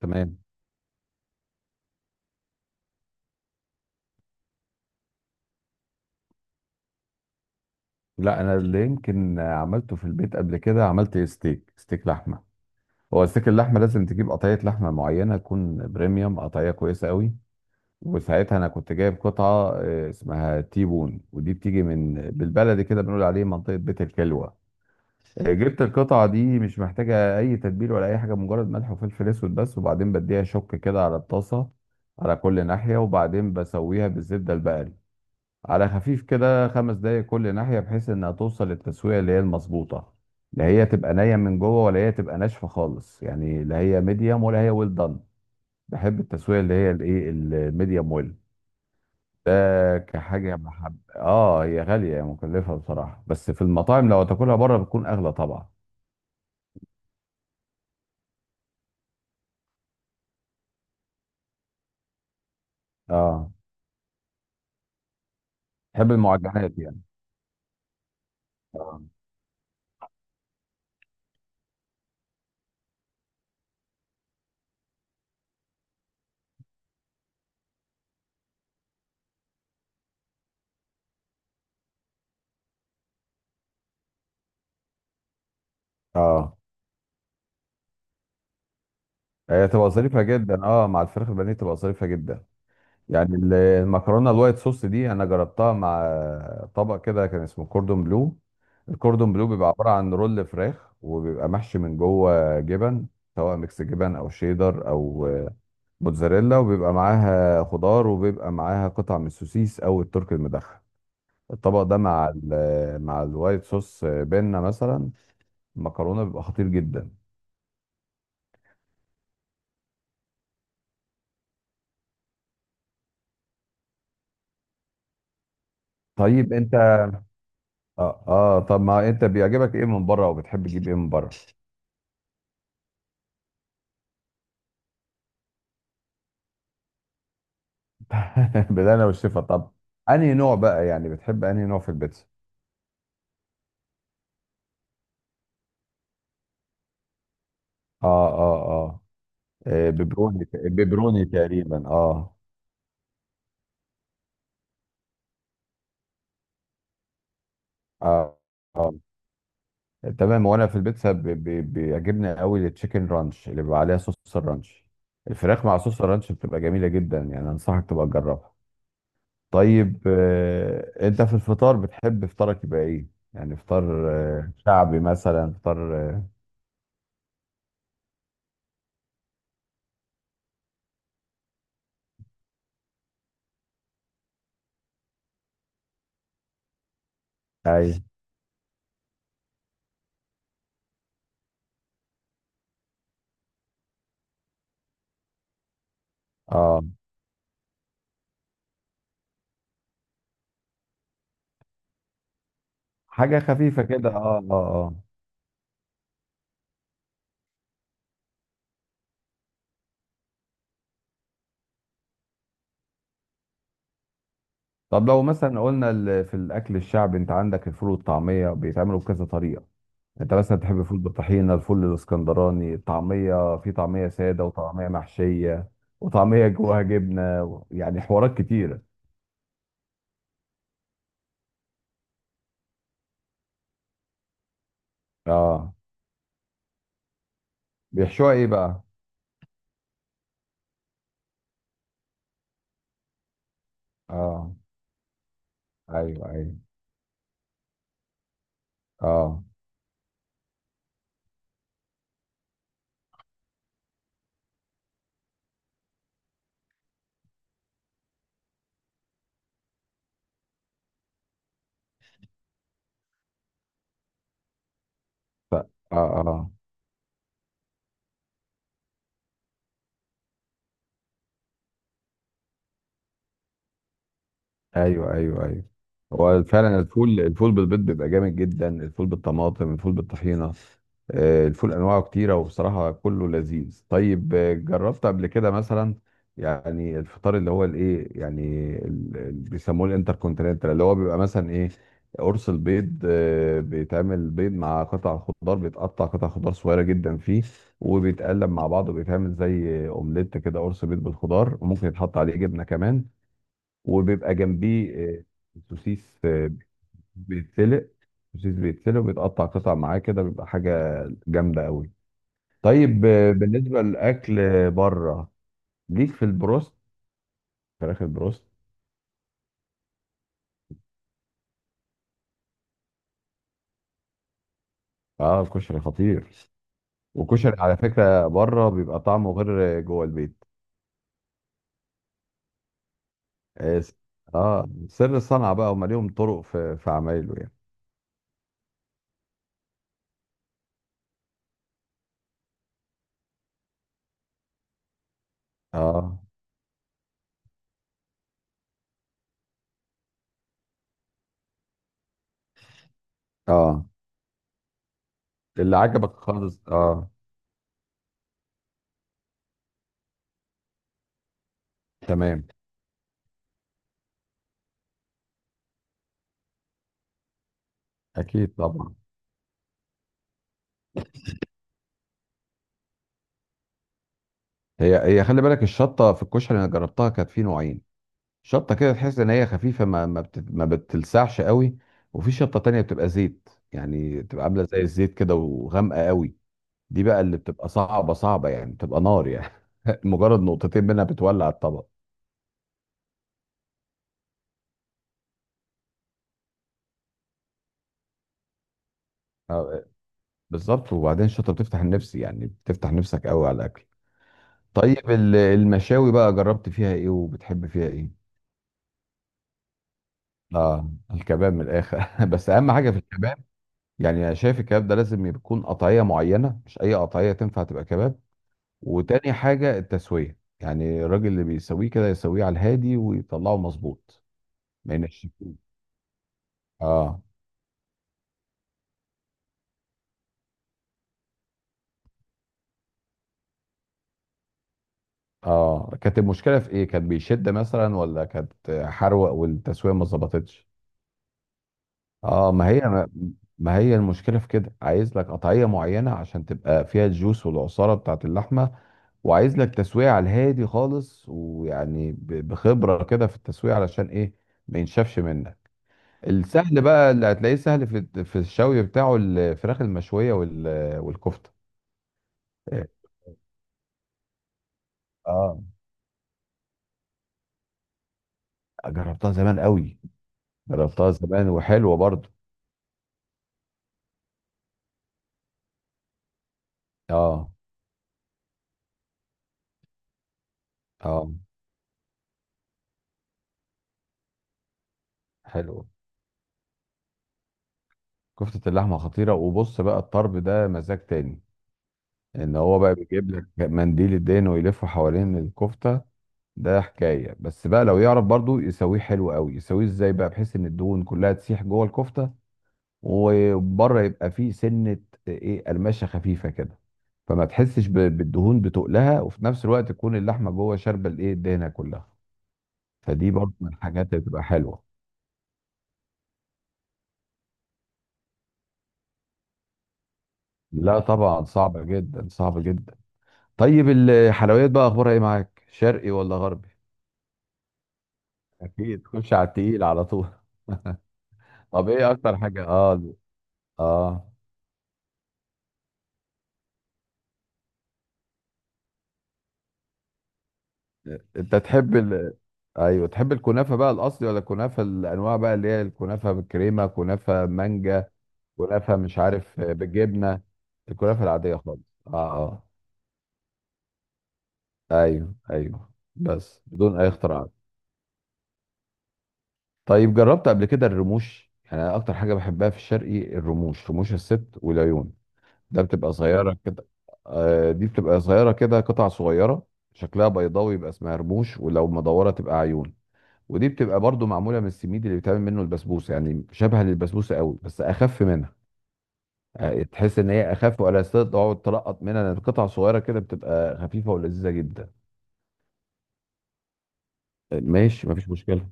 تمام. لا، انا اللي يمكن عملته في البيت قبل كده عملت ستيك لحمه. هو ستيك اللحمه لازم تجيب قطعيه لحمه معينه تكون بريميوم، قطعيه كويسه قوي. وساعتها انا كنت جايب قطعه، اسمها تي بون، ودي بتيجي من بالبلدي كده بنقول عليه منطقه بيت الكلوه. جبت القطعه دي مش محتاجه اي تتبيل ولا اي حاجه، مجرد ملح وفلفل اسود بس، وبعدين بديها شك كده على الطاسه على كل ناحيه، وبعدين بسويها بالزبده البقري على خفيف كده 5 دقايق كل ناحية، بحيث انها توصل للتسوية اللي هي المظبوطة. لا هي تبقى نية من جوه، ولا هي تبقى ناشفة خالص، يعني لا هي ميديوم ولا هي ويل دان. بحب التسوية اللي هي الايه الميديوم ويل ده، كحاجة بحب. اه، هي غالية، هي مكلفة بصراحة، بس في المطاعم لو تاكلها بره بتكون اغلى طبعا. اه. بحب المعجنات يعني. اه. اه. هي تبقى ظريفة جدا، اه، مع الفراخ البانيه تبقى ظريفة جدا. يعني المكرونه الوايت صوص دي انا جربتها مع طبق كده كان اسمه كوردون بلو. الكوردون بلو بيبقى عباره عن رول فراخ، وبيبقى محشي من جوه جبن، سواء ميكس جبن، او شيدر، او موتزاريلا، وبيبقى معاها خضار، وبيبقى معاها قطع من السوسيس او الترك المدخن. الطبق ده مع مع الوايت صوص بينا مثلا، المكرونه، بيبقى خطير جدا. طيب انت، طب ما انت بيعجبك ايه من بره؟ وبتحب تجيب ايه من بره؟ بالهنا والشفا. طب انهي نوع بقى يعني، بتحب انهي نوع في البيتزا؟ اه، اه، اه. بيبروني، بيبروني تقريبا، اه. اه، اه، تمام. وانا في البيتزا بيعجبني قوي التشيكن رانش، اللي بيبقى عليها صوص الرانش، الفراخ مع صوص الرانش بتبقى جميله جدا يعني، انصحك تبقى تجربها. طيب، انت في الفطار بتحب فطارك يبقى ايه؟ يعني فطار شعبي مثلا، فطار آه. اي. اه. حاجه خفيفه كده، اه، اه، اه. طب لو مثلا قلنا في الاكل الشعبي، انت عندك الفول والطعميه، بيتعملوا بكذا طريقه، انت مثلا تحب الفول بالطحينه، الفول الاسكندراني، الطعميه في طعميه ساده وطعميه محشيه، وطعميه جواها جبنه يعني حوارات كتيره. اه، بيحشوها ايه بقى؟ اه، ايوه، ايوه. اه. اه. اه، ايوه، ايوه، ايوه. هو فعلا الفول، الفول بالبيض بيبقى جامد جدا، الفول بالطماطم، الفول بالطحينه، الفول انواعه كتيره، وبصراحه كله لذيذ. طيب، جربت قبل كده مثلا يعني الفطار اللي هو الايه يعني بيسموه الانتركونتيننتال، اللي هو بيبقى مثلا ايه، قرص البيض، بيتعمل بيض مع قطع خضار، بيتقطع قطع خضار صغيره جدا فيه، وبيتقلب مع بعض، وبيتعمل زي اومليت كده، قرص بيض بالخضار، وممكن يتحط عليه جبنه كمان، وبيبقى جنبيه آه، سوسيس، بيتسلق سوسيس، بيتسلق وبيتقطع قطع معاه كده، بيبقى حاجة جامدة قوي. طيب، بالنسبة للأكل بره، ليك في البروست، فراخ البروست. اه، الكشري خطير. وكشري على فكرة بره بيبقى طعمه غير جوه البيت. اه س- سر الصنعة بقى، هم ليهم طرق في عمايله يعني. اه. اه، اللي عجبك خالص، اه. تمام. اكيد طبعا. هي هي خلي بالك، الشطه في الكشري انا جربتها، كانت في نوعين، شطه كده تحس ان هي خفيفه، ما بتلسعش قوي. وفي شطه تانية بتبقى زيت، يعني بتبقى عامله زي الزيت كده، وغامقه قوي. دي بقى اللي بتبقى صعبه صعبه يعني، بتبقى نار يعني. مجرد نقطتين منها بتولع الطبق. آه، بالظبط، وبعدين الشطه بتفتح النفس، يعني بتفتح نفسك قوي على الاكل. طيب، المشاوي بقى، جربت فيها ايه؟ وبتحب فيها ايه؟ اه، الكباب من الاخر. بس اهم حاجه في الكباب يعني، انا شايف الكباب ده لازم يكون قطعيه معينه، مش اي قطعيه تنفع تبقى كباب. وتاني حاجة التسوية، يعني الراجل اللي بيسويه كده يسويه على الهادي ويطلعه مظبوط، ما ينشفوش. اه. اه، كانت المشكلة في ايه؟ كان بيشد مثلا؟ ولا كانت حروق والتسوية ما ظبطتش؟ اه، ما هي المشكلة في كده، عايز لك قطعية معينة عشان تبقى فيها الجوس والعصارة بتاعت اللحمة، وعايز لك تسوية على الهادي خالص، ويعني بخبرة كده في التسوية، علشان ايه، ما ينشفش منك. السهل بقى اللي هتلاقيه سهل في الشوي بتاعه، الفراخ المشوية والكفتة. اه، جربتها زمان قوي، جربتها زمان وحلوة برضو. اه. اه، حلوة. كفتة اللحمة خطيرة. وبص بقى، الطرب ده مزاج تاني، ان هو بقى بيجيب لك منديل الدهن ويلفه حوالين الكفتة. ده حكاية. بس بقى لو يعرف برضو يسويه حلو قوي، يسويه ازاي بقى بحيث ان الدهون كلها تسيح جوه الكفتة، وبره يبقى فيه سنه ايه، قرمشه خفيفه كده، فما تحسش بالدهون بتقلها، وفي نفس الوقت تكون اللحمه جوه شاربه الايه الدهنه كلها. فدي برضه من الحاجات اللي بتبقى حلوه. لا طبعا، صعبه جدا، صعبه جدا. طيب، الحلويات بقى اخبارها ايه معاك، شرقي ولا غربي؟ اكيد تخش على التقيل على طول. طب ايه اكتر حاجه؟ اه. اه، انت تحب ايوه، تحب الكنافه بقى الاصلي، ولا الكنافه الانواع بقى اللي هي الكنافه بالكريمه، كنافه مانجا، كنافه مش عارف بالجبنه؟ الكنافه العاديه خالص. اه. اه، ايوه، ايوه، بس بدون اي اختراعات. طيب، جربت قبل كده الرموش؟ يعني أنا اكتر حاجه بحبها في الشرقي الرموش، رموش الست والعيون. ده بتبقى صغيره كده. آه، دي بتبقى صغيره كده، قطع صغيره، شكلها بيضاوي يبقى اسمها رموش، ولو مدوره تبقى عيون. ودي بتبقى برضو معموله من السميد اللي بيتعمل منه البسبوسه، يعني شبه للبسبوسه قوي بس اخف منها. تحس ان هي اخف، ولا ستيل تقعد تلقط منها، لأن قطع صغيره كده بتبقى خفيفه ولذيذه جدا. ماشي، مفيش مشكله.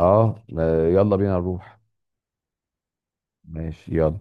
اه. يلا بينا نروح. ماشي يلا.